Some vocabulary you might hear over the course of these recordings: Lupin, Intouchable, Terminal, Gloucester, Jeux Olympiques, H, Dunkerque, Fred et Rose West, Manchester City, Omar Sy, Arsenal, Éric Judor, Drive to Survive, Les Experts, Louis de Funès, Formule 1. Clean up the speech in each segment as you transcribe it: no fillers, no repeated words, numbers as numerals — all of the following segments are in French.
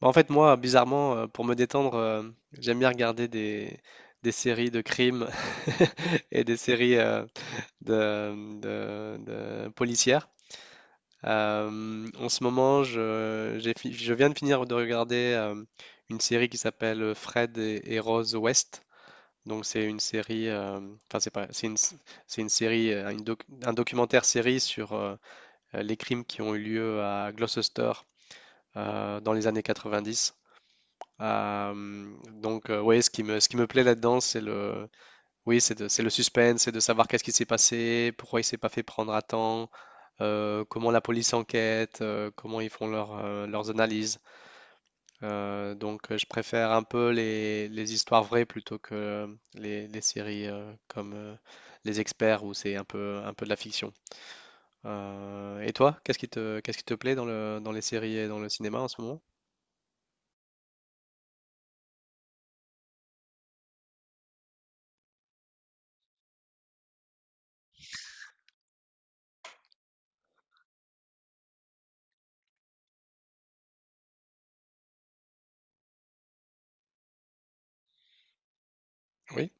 En fait, moi, bizarrement, pour me détendre, j'aime bien regarder des séries de crimes et des séries de, de- de policières. En ce moment, je viens de finir de regarder une série qui s'appelle Fred et Rose West. Donc, c'est une série, enfin, c'est pas, c'est une série, une un documentaire série sur les crimes qui ont eu lieu à Gloucester dans les années 90. Euh, ouais, ce qui me plaît là-dedans, oui, c'est le suspense, c'est de savoir qu'est-ce qui s'est passé, pourquoi il s'est pas fait prendre à temps, comment la police enquête, comment ils font leurs analyses. Je préfère un peu les histoires vraies plutôt que les séries comme Les Experts où c'est un peu de la fiction. Et toi, qu'est-ce qui te plaît dans dans les séries et dans le cinéma en ce moment? Oui,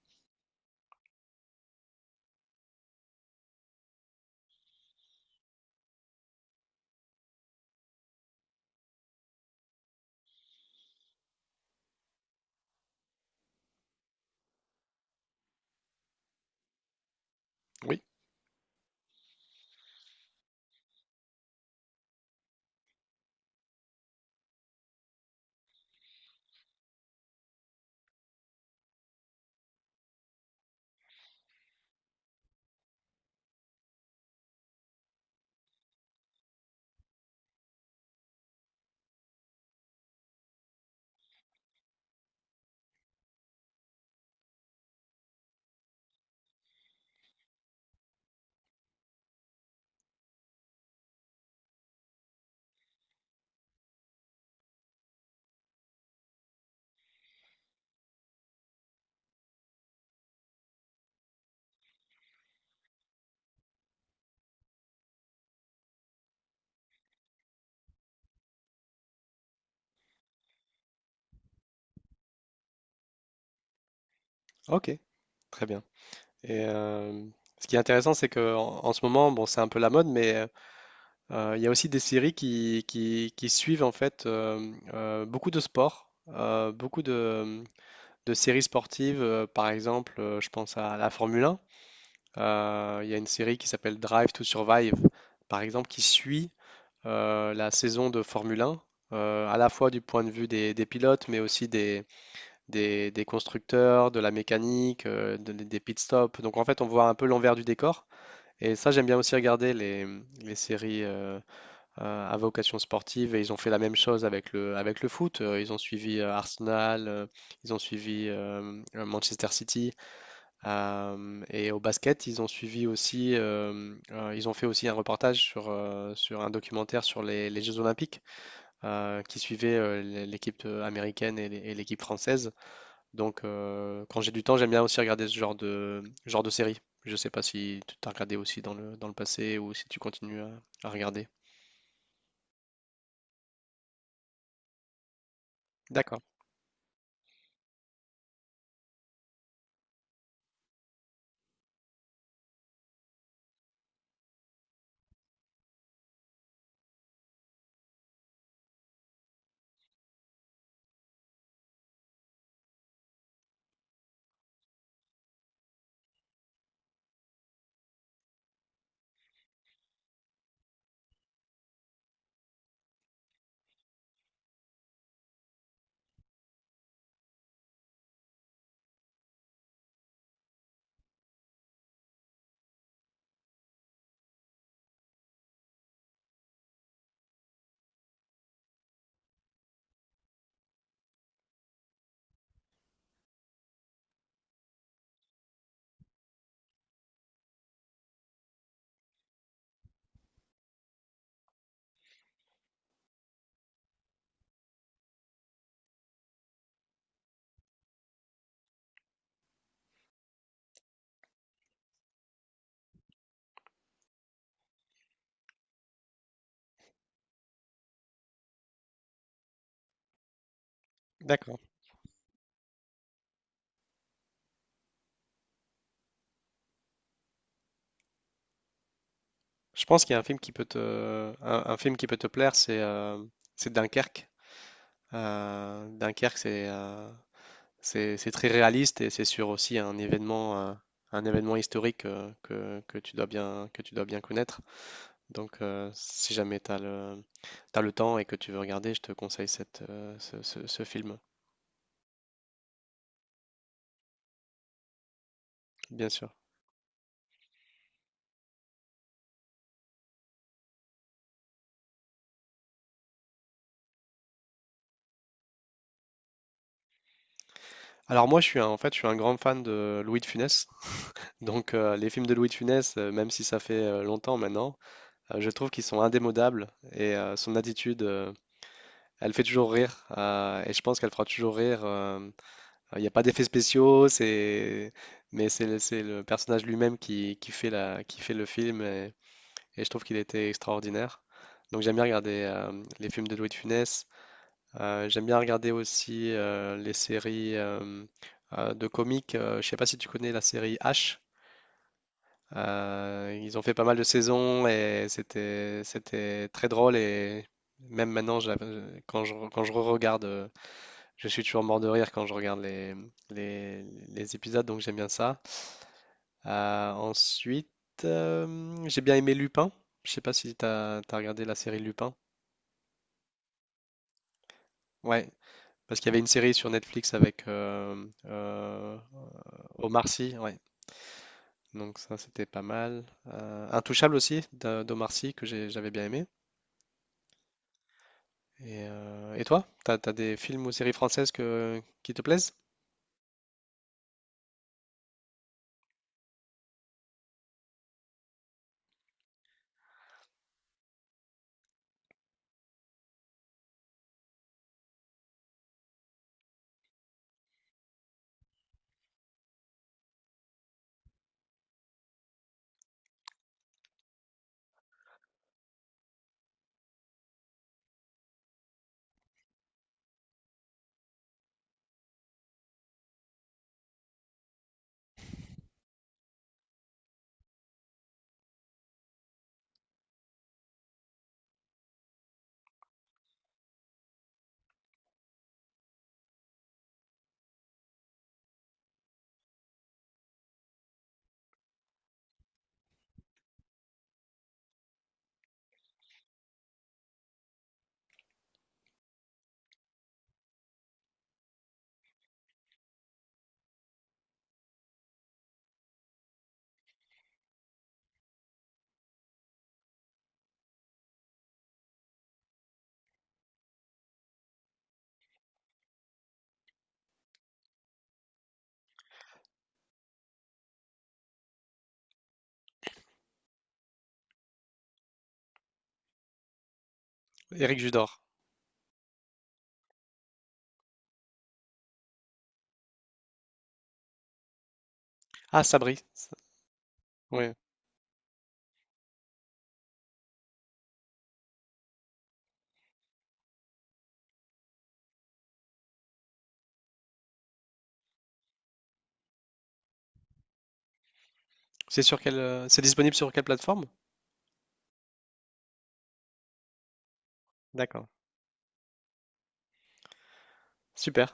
oui, ok, très bien. Et ce qui est intéressant, c'est que en ce moment, bon, c'est un peu la mode, mais il y a aussi des séries qui suivent en fait beaucoup de sports, de séries sportives. Par exemple, je pense à la Formule 1. Il y a une série qui s'appelle Drive to Survive, par exemple, qui suit la saison de Formule 1. À la fois du point de vue des pilotes, mais aussi des constructeurs, de la mécanique, des pit stops. Donc en fait, on voit un peu l'envers du décor. Et ça, j'aime bien aussi regarder les séries à vocation sportive. Et ils ont fait la même chose avec avec le foot. Ils ont suivi Arsenal, ils ont suivi Manchester City. Et au basket, ils ont suivi aussi. Ils ont fait aussi un reportage sur un documentaire sur les Jeux Olympiques qui suivait l'équipe américaine et et l'équipe française. Donc, quand j'ai du temps, j'aime bien aussi regarder ce genre de série. Je sais pas si tu t'as regardé aussi dans dans le passé ou si tu continues à regarder. D'accord, d'accord. Je pense qu'il y a un film qui peut un film qui peut te plaire, c'est Dunkerque. Dunkerque, c'est très réaliste et c'est sur aussi un événement historique que tu dois bien, que tu dois bien connaître. Donc, si jamais t'as le temps et que tu veux regarder, je te conseille cette, ce film. Bien sûr. Alors moi, je suis un grand fan de Louis de Funès. Donc les films de Louis de Funès, même si ça fait longtemps maintenant, je trouve qu'ils sont indémodables et son attitude, elle fait toujours rire et je pense qu'elle fera toujours rire. Il n'y a pas d'effets spéciaux, c'est mais c'est le personnage lui-même qui fait le film et je trouve qu'il était extraordinaire. Donc j'aime bien regarder les films de Louis de Funès. J'aime bien regarder aussi les séries de comiques. Je sais pas si tu connais la série H. Ils ont fait pas mal de saisons et c'était très drôle et même maintenant quand je regarde je suis toujours mort de rire quand je regarde les, les épisodes donc j'aime bien ça. Ensuite, j'ai bien aimé Lupin. Je sais pas si t'as regardé la série Lupin. Ouais, parce qu'il y avait une série sur Netflix avec Omar Sy, ouais. Donc ça, c'était pas mal. Intouchable aussi, d'Omar Sy, j'avais bien aimé. Et toi, t'as des films ou séries françaises qui te plaisent? Éric Judor. Ah, Sabri. Oui. C'est sur quelle, c'est disponible sur quelle plateforme? D'accord. Super.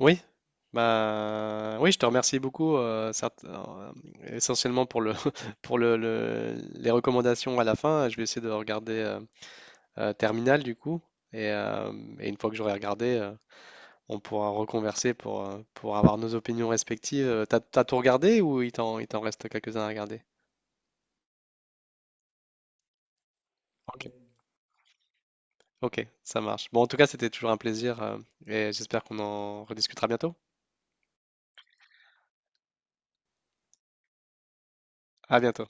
Oui. Bah, oui, je te remercie beaucoup, essentiellement pour pour les recommandations à la fin. Je vais essayer de regarder Terminal du coup. Et, euh, et une fois que j'aurai regardé, on pourra reconverser pour avoir nos opinions respectives. T'as, t'as tout regardé ou il t'en reste quelques-uns à regarder? Ok, ok, ça marche. Bon, en tout cas, c'était toujours un plaisir et j'espère qu'on en rediscutera bientôt. À bientôt.